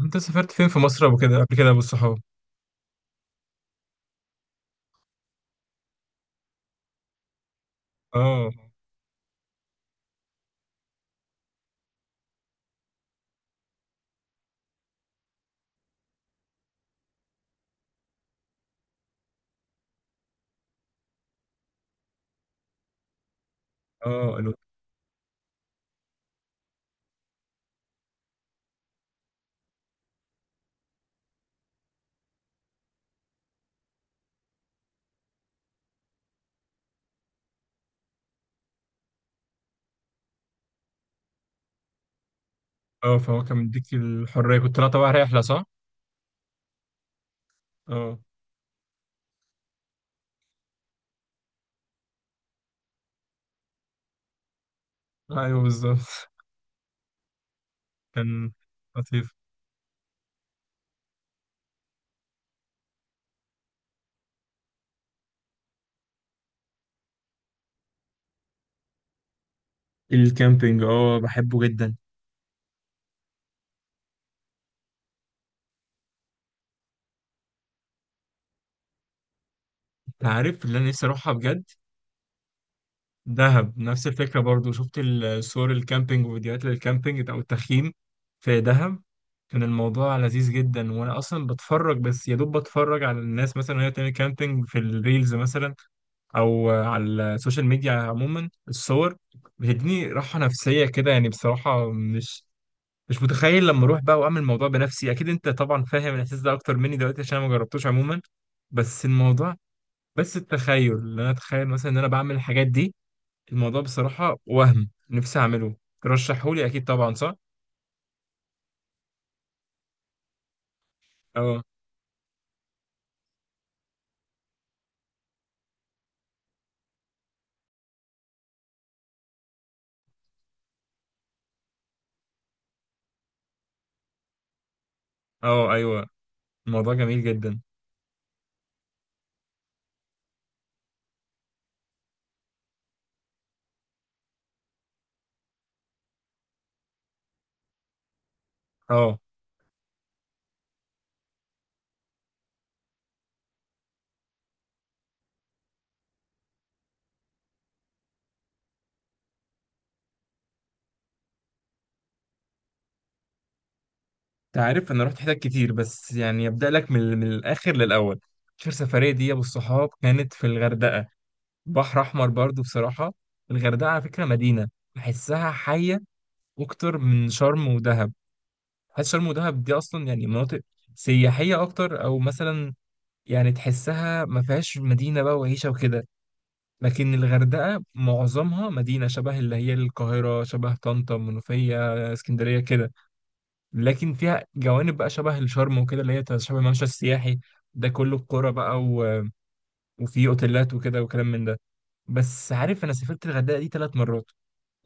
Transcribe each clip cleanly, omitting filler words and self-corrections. انت سافرت فين في مصر ابو كده قبل كده ابو الصحاب؟ اه، اه، اه، فهو كان مديك الحريه، كنت طالع طبعا رحله، صح؟ اه، ايوه، بالظبط. كان لطيف. الكامبينج، اه، بحبه جدا. انت عارف اللي انا نفسي اروحها بجد؟ دهب، نفس الفكره برضو. شفت صور الكامبينج وفيديوهات للكامبينج او التخييم في دهب، كان الموضوع لذيذ جدا. وانا اصلا بتفرج، بس يا دوب بتفرج على الناس مثلا وهي بتعمل كامبينج في الريلز مثلا، او على السوشيال ميديا عموما. الصور بتديني راحه نفسيه كده، يعني بصراحه مش متخيل لما اروح بقى واعمل الموضوع بنفسي. اكيد انت طبعا فاهم الاحساس ده اكتر مني دلوقتي عشان انا ما جربتوش عموما. بس الموضوع بس التخيل، ان انا اتخيل مثلا ان انا بعمل الحاجات دي، الموضوع بصراحه وهم نفسي اعمله. ترشحهولي اكيد طبعا، صح؟ اه، اه، ايوه، الموضوع جميل جدا، اه. انت عارف انا رحت حتت كتير بس يعني ابدا لك من الاخر للاول. اخر سفريه دي والصحاب كانت في الغردقه، بحر احمر برضو بصراحه. الغردقه على فكره مدينه، بحسها حيه اكتر من شرم ودهب. حاسس شرم ودهب دي اصلا يعني مناطق سياحيه اكتر، او مثلا يعني تحسها ما فيهاش مدينه بقى وعيشه وكده. لكن الغردقه معظمها مدينه شبه اللي هي القاهره، شبه طنطا، منوفيه، اسكندريه كده. لكن فيها جوانب بقى شبه الشرم وكده، اللي هي شبه الممشى السياحي ده كله، القرى بقى وفي اوتيلات وكده وكلام من ده. بس عارف، انا سافرت الغردقه دي ثلاث مرات.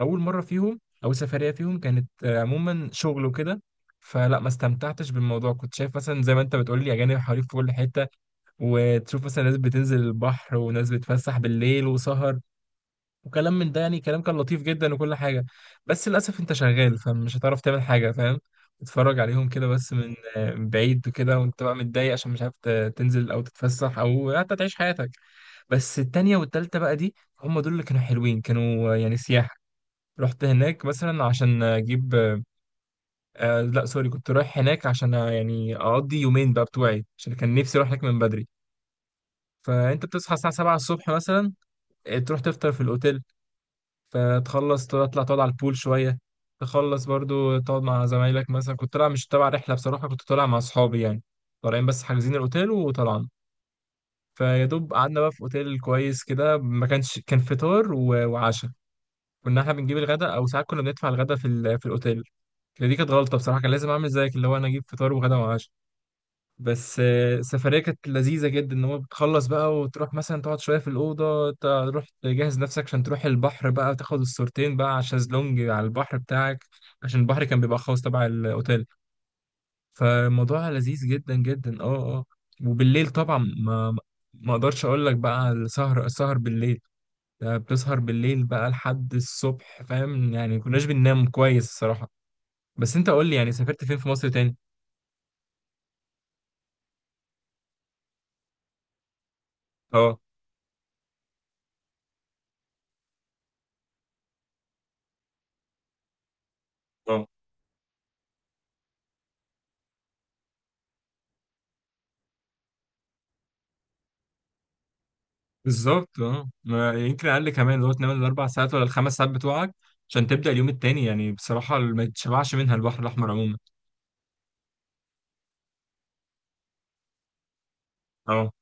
اول مره فيهم او سفريه فيهم كانت عموما شغل وكده، فلا ما استمتعتش بالموضوع. كنت شايف مثلا زي ما انت بتقول لي اجانب حواليك في كل حته، وتشوف مثلا ناس بتنزل البحر وناس بتفسح بالليل وسهر وكلام من ده، يعني كلام كان لطيف جدا وكل حاجة. بس للأسف أنت شغال فمش هتعرف تعمل حاجة، فاهم؟ تتفرج عليهم كده بس من بعيد وكده، وأنت بقى متضايق عشان مش عارف تنزل أو تتفسح أو حتى تعيش حياتك. بس التانية والتالتة بقى دي، هم دول اللي كانوا حلوين، كانوا يعني سياحة. رحت هناك مثلا عشان أجيب، لا، سوري، كنت رايح هناك عشان يعني أقضي يومين بقى بتوعي عشان كان نفسي أروح هناك من بدري. فأنت بتصحى الساعة 7 الصبح مثلا، تروح تفطر في الأوتيل، فتخلص تطلع تقعد على البول شوية، تخلص برضو تقعد مع زمايلك. مثلا كنت طالع مش تبع رحلة، بصراحة كنت طالع مع أصحابي يعني، طالعين بس حاجزين الأوتيل وطلعنا. فيا دوب قعدنا بقى في أوتيل كويس كده، ما كانش كان فطار وعشاء. كنا احنا بنجيب الغداء، أو ساعات كنا بندفع الغداء في الأوتيل. دي كانت غلطة بصراحة، كان لازم أعمل زيك اللي هو أنا أجيب فطار وغدا وعشاء. بس السفرية كانت لذيذة جدا، ان هو بتخلص بقى وتروح مثلا تقعد شوية في الأوضة، تروح تجهز نفسك عشان تروح البحر بقى وتاخد الصورتين بقى على الشازلونج على البحر بتاعك، عشان البحر كان بيبقى خاص تبع الأوتيل. فالموضوع لذيذ جدا جدا. اه، اه، وبالليل طبعا ما اقدرش اقول لك بقى على السهر. السهر بالليل ده بتسهر بالليل بقى لحد الصبح، فاهم يعني، كناش بننام كويس الصراحة. بس انت قول لي يعني، سافرت فين في مصر تاني؟ اه، آه. بالظبط. اه، يمكن اقل كمان، اللي هو تنام الاربع ساعات ولا الخمس ساعات بتوعك عشان تبدا اليوم التاني، يعني بصراحه ما تشبعش منها. البحر الاحمر عموما. اه،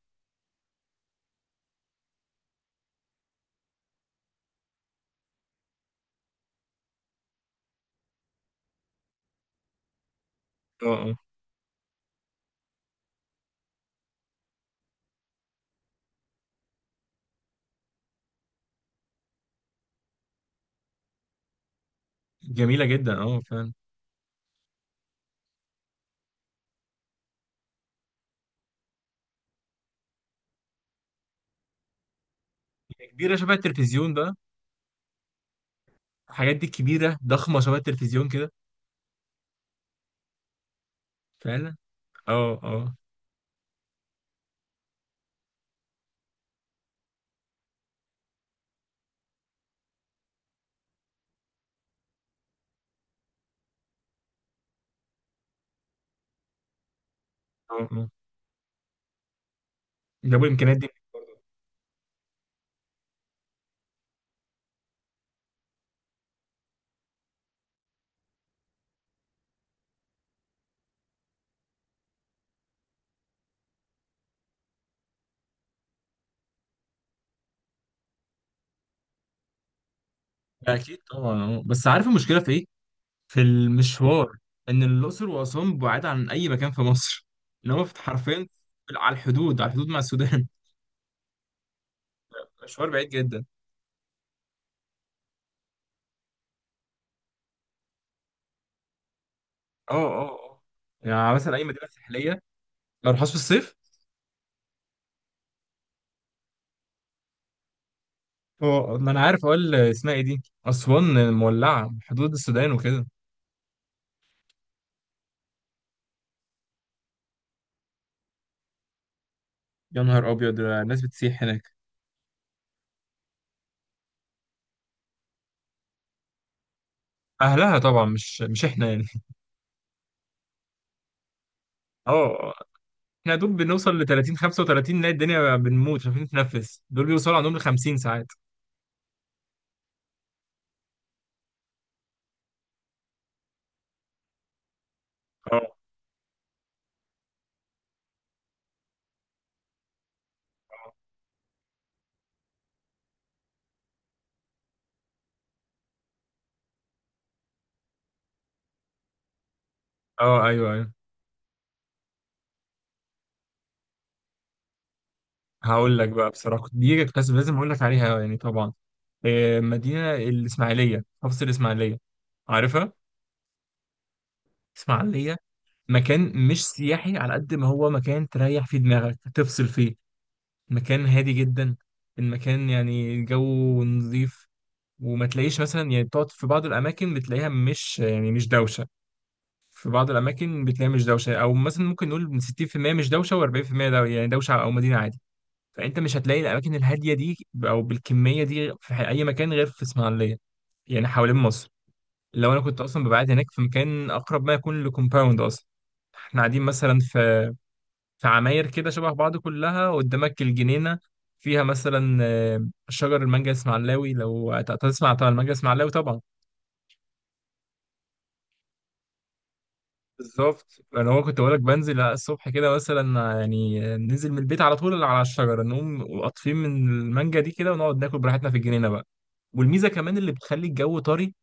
اه، اه، جميله جدا، اه، فعلا. كبيره شبه التلفزيون بقى. الحاجات دي كبيره ضخمه شبه التلفزيون كده. فعلا. اه، اه، اه، اه، جابوا الامكانيات دي. اكيد طبعا. اه، بس عارف المشكله في ايه؟ في المشوار. ان الاقصر واسوان بعاد عن اي مكان في مصر. ان هو حرفيا على الحدود مع السودان. مشوار بعيد جدا. اه، اه، اه، يعني مثلا اي مدينه ساحليه، لو رحت في الصيف. اه، ما انا عارف، اقول اسمها ايه دي، اسوان مولعه، حدود السودان وكده. يا نهار ابيض، ده الناس بتسيح هناك. اهلها طبعا، مش احنا يعني. اه، اه. احنا يا دوب بنوصل ل 30 35 نلاقي الدنيا بنموت مش عارفين نتنفس، دول بيوصلوا عندهم ل 50 ساعات. اه، اه، ايوه، ايوه. هقول لك بقى بصراحه، دي كنت لازم اقول لك عليها يعني طبعا. مدينه الاسماعيليه، محافظه الاسماعيليه، عارفها؟ اسماعيليه، مكان مش سياحي على قد ما هو مكان تريح فيه دماغك، تفصل فيه. مكان هادي جدا. المكان يعني الجو نظيف. وما تلاقيش مثلا يعني بتقعد في بعض الأماكن، بتلاقيها مش دوشة. في بعض الأماكن بتلاقيها مش دوشة، أو مثلا ممكن نقول من 60% مش دوشة و40% دو، يعني دوشة أو مدينة عادي. فأنت مش هتلاقي الأماكن الهادية دي أو بالكمية دي في أي مكان غير في إسماعيلية يعني، حوالين مصر. لو أنا كنت أصلا ببعد هناك، في مكان أقرب ما يكون لكومباوند أصلا. احنا قاعدين مثلا في عماير كده شبه بعض كلها، قدامك الجنينة، فيها مثلا شجر المانجا اسماعيلاوي. لو تسمع طبعا المانجا اسماعيلاوي طبعا. بالظبط. انا هو كنت بقولك بنزل الصبح كده مثلا، ننزل من البيت على طول على الشجرة، نقوم قاطفين من المانجا دي كده ونقعد ناكل براحتنا في الجنينة بقى. والميزة كمان اللي بتخلي الجو طري،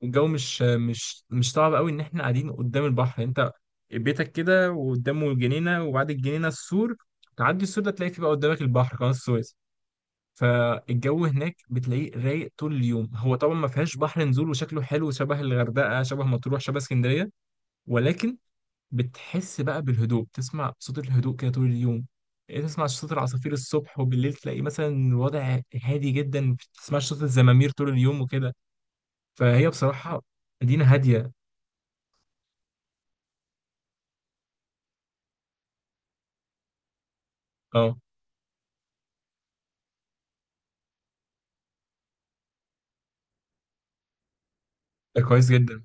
والجو مش صعب قوي، ان احنا قاعدين قدام البحر. انت بيتك كده وقدامه الجنينة وبعد الجنينة السور، تعدي السور ده تلاقي فيه بقى قدامك البحر، قناة السويس. فالجو هناك بتلاقيه رايق طول اليوم. هو طبعا ما فيهاش بحر نزول، وشكله حلو شبه الغردقه شبه مطروح شبه اسكندريه، ولكن بتحس بقى بالهدوء، تسمع صوت الهدوء كده طول اليوم. تسمع صوت العصافير الصبح، وبالليل تلاقي مثلا الوضع هادي جدا، ما بتسمعش صوت الزمامير طول اليوم وكده. فهي بصراحه مدينه هاديه. اه، ده كويس جدا.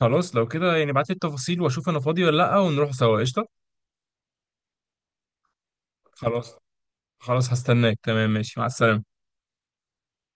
خلاص، لو كده يعني ابعت لي التفاصيل واشوف انا فاضي ولا لا، ونروح سوا قشطه. خلاص، خلاص، هستناك تمام، ماشي، مع السلامه.